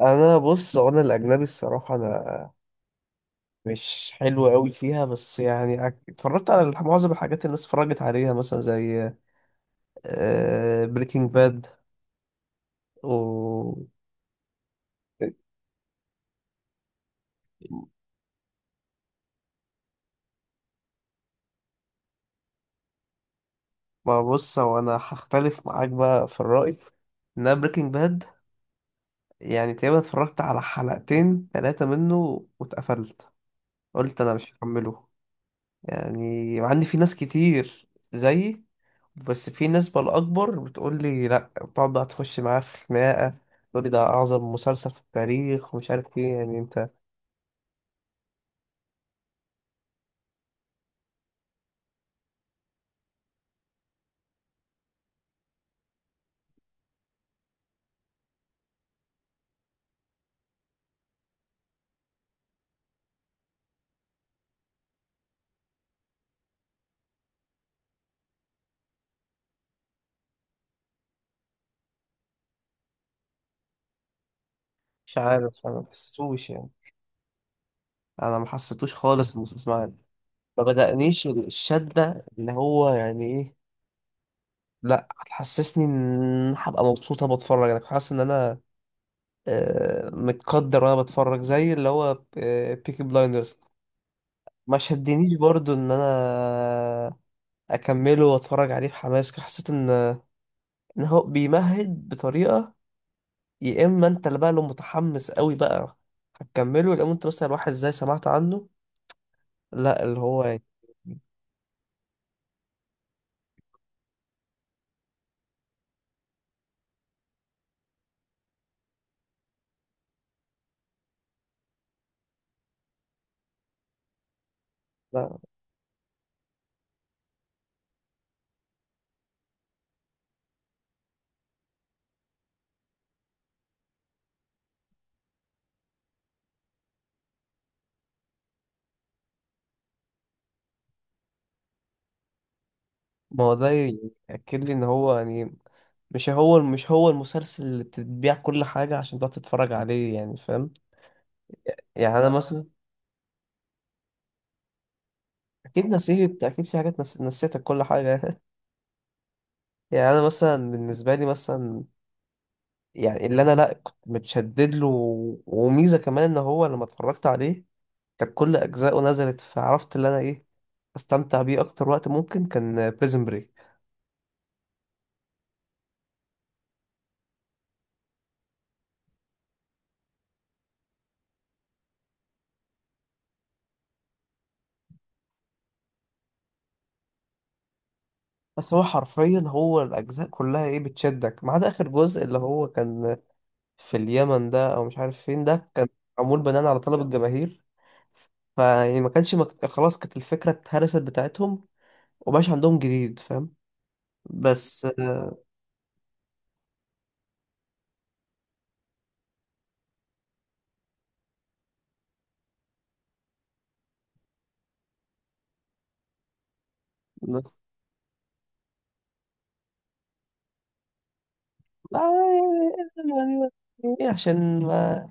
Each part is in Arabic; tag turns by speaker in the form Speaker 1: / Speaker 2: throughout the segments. Speaker 1: بص، هو انا الاجنبي الصراحه، انا مش حلو قوي فيها، بس يعني اتفرجت على معظم الحاجات اللي الناس اتفرجت عليها مثلا، زي بريكنج باد. و ما بص، هو انا هختلف معاك بقى في الرأي، ان انا بريكنج باد يعني تقريبا اتفرجت على حلقتين ثلاثة منه واتقفلت. قلت انا مش هكمله. يعني عندي في ناس كتير زيي، بس في نسبة الأكبر بتقول لي لأ، بتقعد بقى تخش معاه في خناقة، تقول لي ده أعظم مسلسل في التاريخ ومش عارف إيه، يعني أنت مش عارف. أنا ما حسيتوش يعني، أنا ما حسيتوش خالص المسلسل يعني، ما بدأنيش الشدة اللي هو يعني إيه. لأ، هتحسسني إن هبقى مبسوطة بتفرج، أنا كنت حاسس إن أنا متقدر وأنا بتفرج، زي اللي هو بيكي بلايندرز، ما شدنيش برضو إن أنا اكمله واتفرج عليه بحماس. حسيت ان ان هو بيمهد بطريقه، يا اما انت اللي بقى لو متحمس قوي بقى هتكمله، لو انت مثلا واحد زي سمعت عنه لا، اللي هو يعني لا، ما هو ده يأكد لي ان هو يعني مش هو المسلسل اللي بتتبيع كل حاجه عشان تقعد تتفرج عليه، يعني فاهم. يعني انا مثلا، اكيد نسيت، اكيد في حاجات نسيتك كل حاجه. يعني انا مثلا بالنسبه لي مثلا، يعني اللي انا لا كنت متشدد له وميزه كمان ان هو لما اتفرجت عليه كانت كل اجزائه نزلت، فعرفت اللي انا ايه استمتع بيه اكتر. وقت ممكن كان بريزن بريك. بس هو حرفيا هو الاجزاء كلها ايه بتشدك ما عدا اخر جزء اللي هو كان في اليمن ده او مش عارف فين ده، كان معمول بناء على طلب الجماهير. فيعني ما كانش خلاص كانت الفكره اتهرست بتاعتهم، ومبقاش عندهم جديد، فاهم. بس بس لا يعني، يعني عشان ما،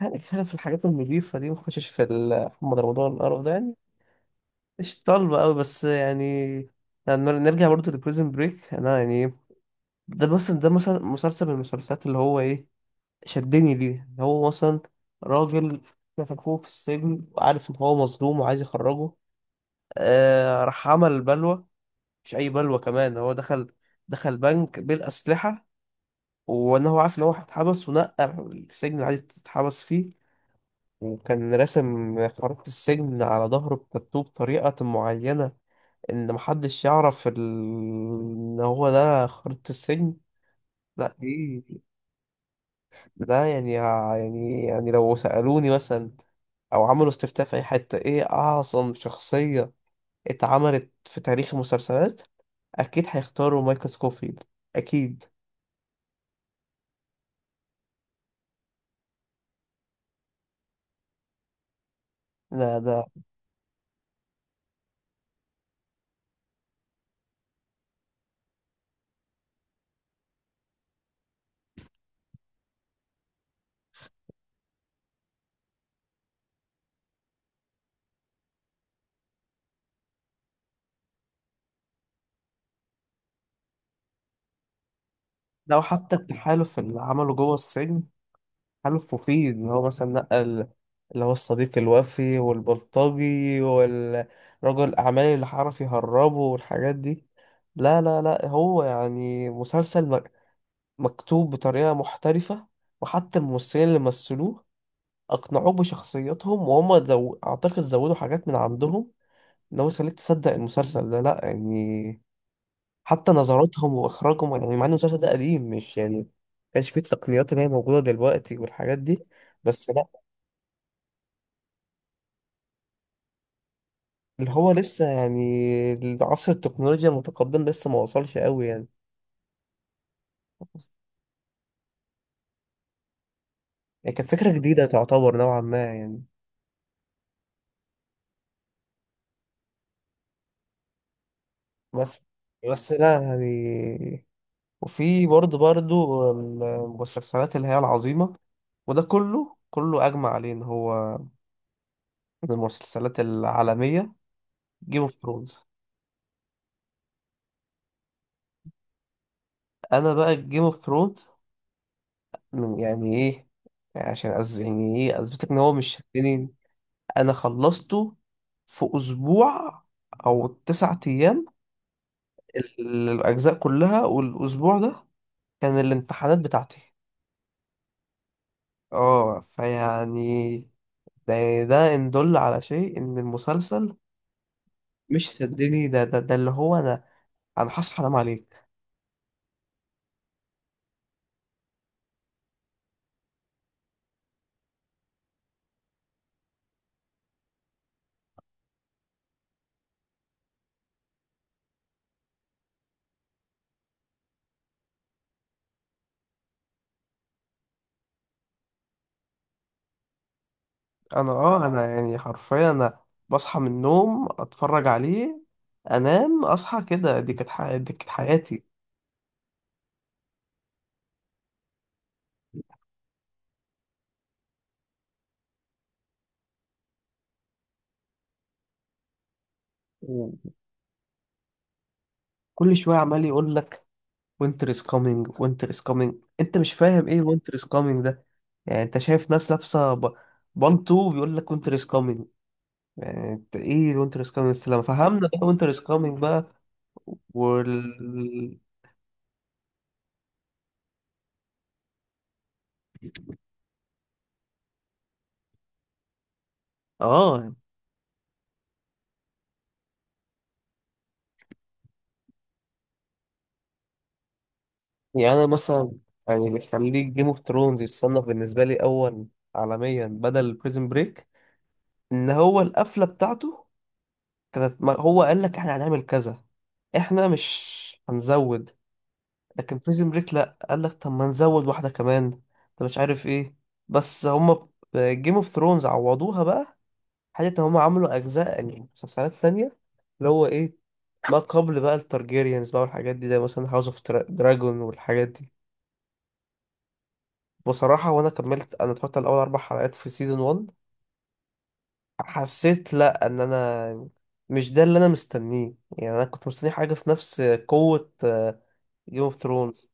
Speaker 1: يعني خلينا في الحاجات النظيفة دي، ما نخشش في محمد رمضان القرف ده يعني. مش طالبة أوي بس يعني، يعني نرجع برضه لبريزن بريك. أنا يعني ده مثلا، ده مثلا مسلسل من المسلسلات اللي هو إيه شدني ليه، اللي هو مثلا راجل مسكوه في السجن وعارف إن هو مظلوم وعايز يخرجه. آه راح عمل بلوى، مش أي بلوى كمان. هو دخل بنك بالأسلحة، وإن هو عارف إن هو هيتحبس ونقى السجن اللي عايز يتحبس فيه، وكان راسم خريطة السجن على ظهره بتاتو بطريقة معينة، إن محدش يعرف إن هو ده خريطة السجن. لا دي، ده يعني لو سألوني مثلا أو عملوا استفتاء في أي حتة، إيه أعظم شخصية اتعملت في تاريخ المسلسلات، أكيد هيختاروا مايكل سكوفيلد، أكيد. لا ده، لو حتى التحالف اللي عمله جوه السجن، حلف مفيد اللي هو مثلا نقل، اللي هو الصديق الوفي والبلطجي والرجل الأعمال اللي عرف يهربه والحاجات دي. لا لا لا، هو يعني مسلسل مكتوب بطريقة محترفة، وحتى الممثلين اللي مثلوه أقنعوك بشخصياتهم، وهم أعتقد زودوا حاجات من عندهم، إن هو يخليك تصدق المسلسل ده. لأ يعني، حتى نظراتهم وإخراجهم، يعني مع إن المسلسل ده قديم، مش يعني، مكانش فيه التقنيات اللي هي موجودة دلوقتي والحاجات دي. بس اللي هو لسه يعني عصر التكنولوجيا المتقدم لسه ما وصلش قوي يعني. بس- يعني كانت فكرة جديدة تعتبر نوعا ما يعني. بس بس لا يعني. وفي برضه برضه المسلسلات اللي هي العظيمة، وده كله كله أجمع عليه إن هو من المسلسلات العالمية، جيم اوف ثرونز. أنا بقى جيم اوف ثرونز يعني إيه، يعني عشان أز يعني إيه أثبتك إن هو مش شدني. أنا خلصته في أسبوع أو تسعة أيام، الأجزاء كلها، والأسبوع ده كان الامتحانات بتاعتي. اه فيعني ده، ده إن دل على شيء إن المسلسل، مش صدقني، ده اللي هو أنا، أنا هصحى أنام عليك. أنا أنا يعني حرفيا، أنا بصحى من النوم أتفرج عليه، أنام أصحى كده، دي كانت دي كانت حياتي. وكل شوية عمال يقول لك وينتر از كامينج، وينتر از كامينج، أنت مش فاهم إيه وينتر از كامينج. يعني انت شايف ناس لابسه بانتو بيقول لك وينتر از كامينج، يعني انت ايه وينتر از كامينج، استلام فهمنا بقى وينتر از كامينج بقى. وال اه يعني انا مثلا، يعني اللي يخليك جيم اوف ثرونز يتصنف بالنسبه لي اول عالميا بدل بريزن بريك، ان هو القفله بتاعته كانت هو قال لك احنا هنعمل كذا، احنا مش هنزود. لكن بريزن بريك لا قال لك طب ما نزود واحدة كمان، طب مش عارف ايه. بس هما جيم اوف ثرونز عوضوها بقى حتة ان هما عملوا اجزاء يعني مسلسلات تانية، اللي هو ايه، ما قبل بقى التارجيريانز بقى والحاجات دي، زي مثلا هاوس اوف دراجون والحاجات دي. بصراحة وانا كملت، انا اتفرجت على اول اربع حلقات في سيزون 1، حسيت لا ان انا مش ده اللي انا مستنيه، يعني انا كنت مستني حاجة في نفس قوة جيم اوف ثرونز.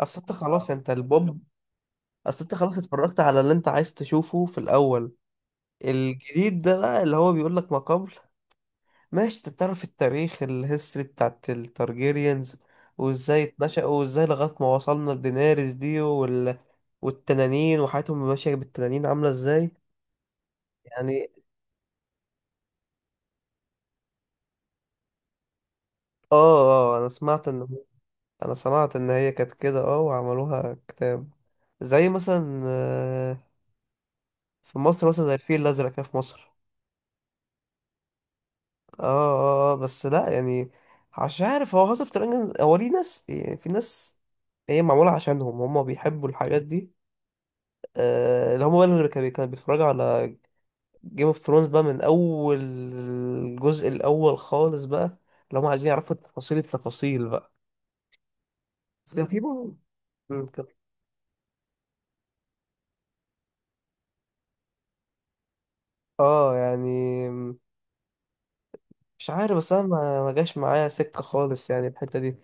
Speaker 1: اصل انت خلاص، انت البوب، اصل انت خلاص اتفرجت على اللي انت عايز تشوفه في الاول، الجديد ده بقى اللي هو بيقول لك ما قبل. ماشي، انت بتعرف التاريخ الهيستوري بتاعت التارجيريانز وازاي اتنشأوا، وازاي لغاية ما وصلنا لدينيريس دي والتنانين وحياتهم ماشية بالتنانين عاملة ازاي يعني. اه اه، انا سمعت ان، انا سمعت ان هي كانت كده، اه وعملوها كتاب، زي مثلا في مصر مثلا زي الفيل الازرق كده، في مصر. اه اه بس لا يعني، مش عارف هو هاوس اوف دراجون هو ليه ناس، يعني في ناس هي معمولة عشانهم هم بيحبوا الحاجات دي. آه اللي هم بقى اللي كانوا بيتفرجوا على جيم اوف ثرونز بقى من اول الجزء الاول خالص بقى، اللي هم عايزين يعرفوا التفاصيل التفاصيل بقى. بس كان في بقى، مم، كان- اه يعني مش عارف، بس انا ما جاش معايا سكة خالص، يعني الحتة دي.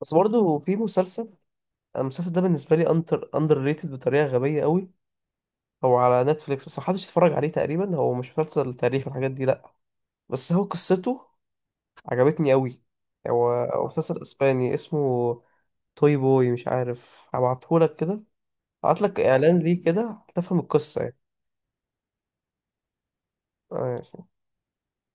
Speaker 1: بس برضه في مسلسل، المسلسل ده بالنسبة لي اندر ريتد بطريقة غبية قوي، هو على نتفليكس بس محدش اتفرج عليه تقريبا. هو مش مسلسل تاريخ والحاجات دي لأ، بس هو قصته عجبتني قوي. هو مسلسل اسباني اسمه توي بوي، مش عارف، هبعتهولك كده، هبعتلك اعلان ليه كده هتفهم القصة يعني. آه،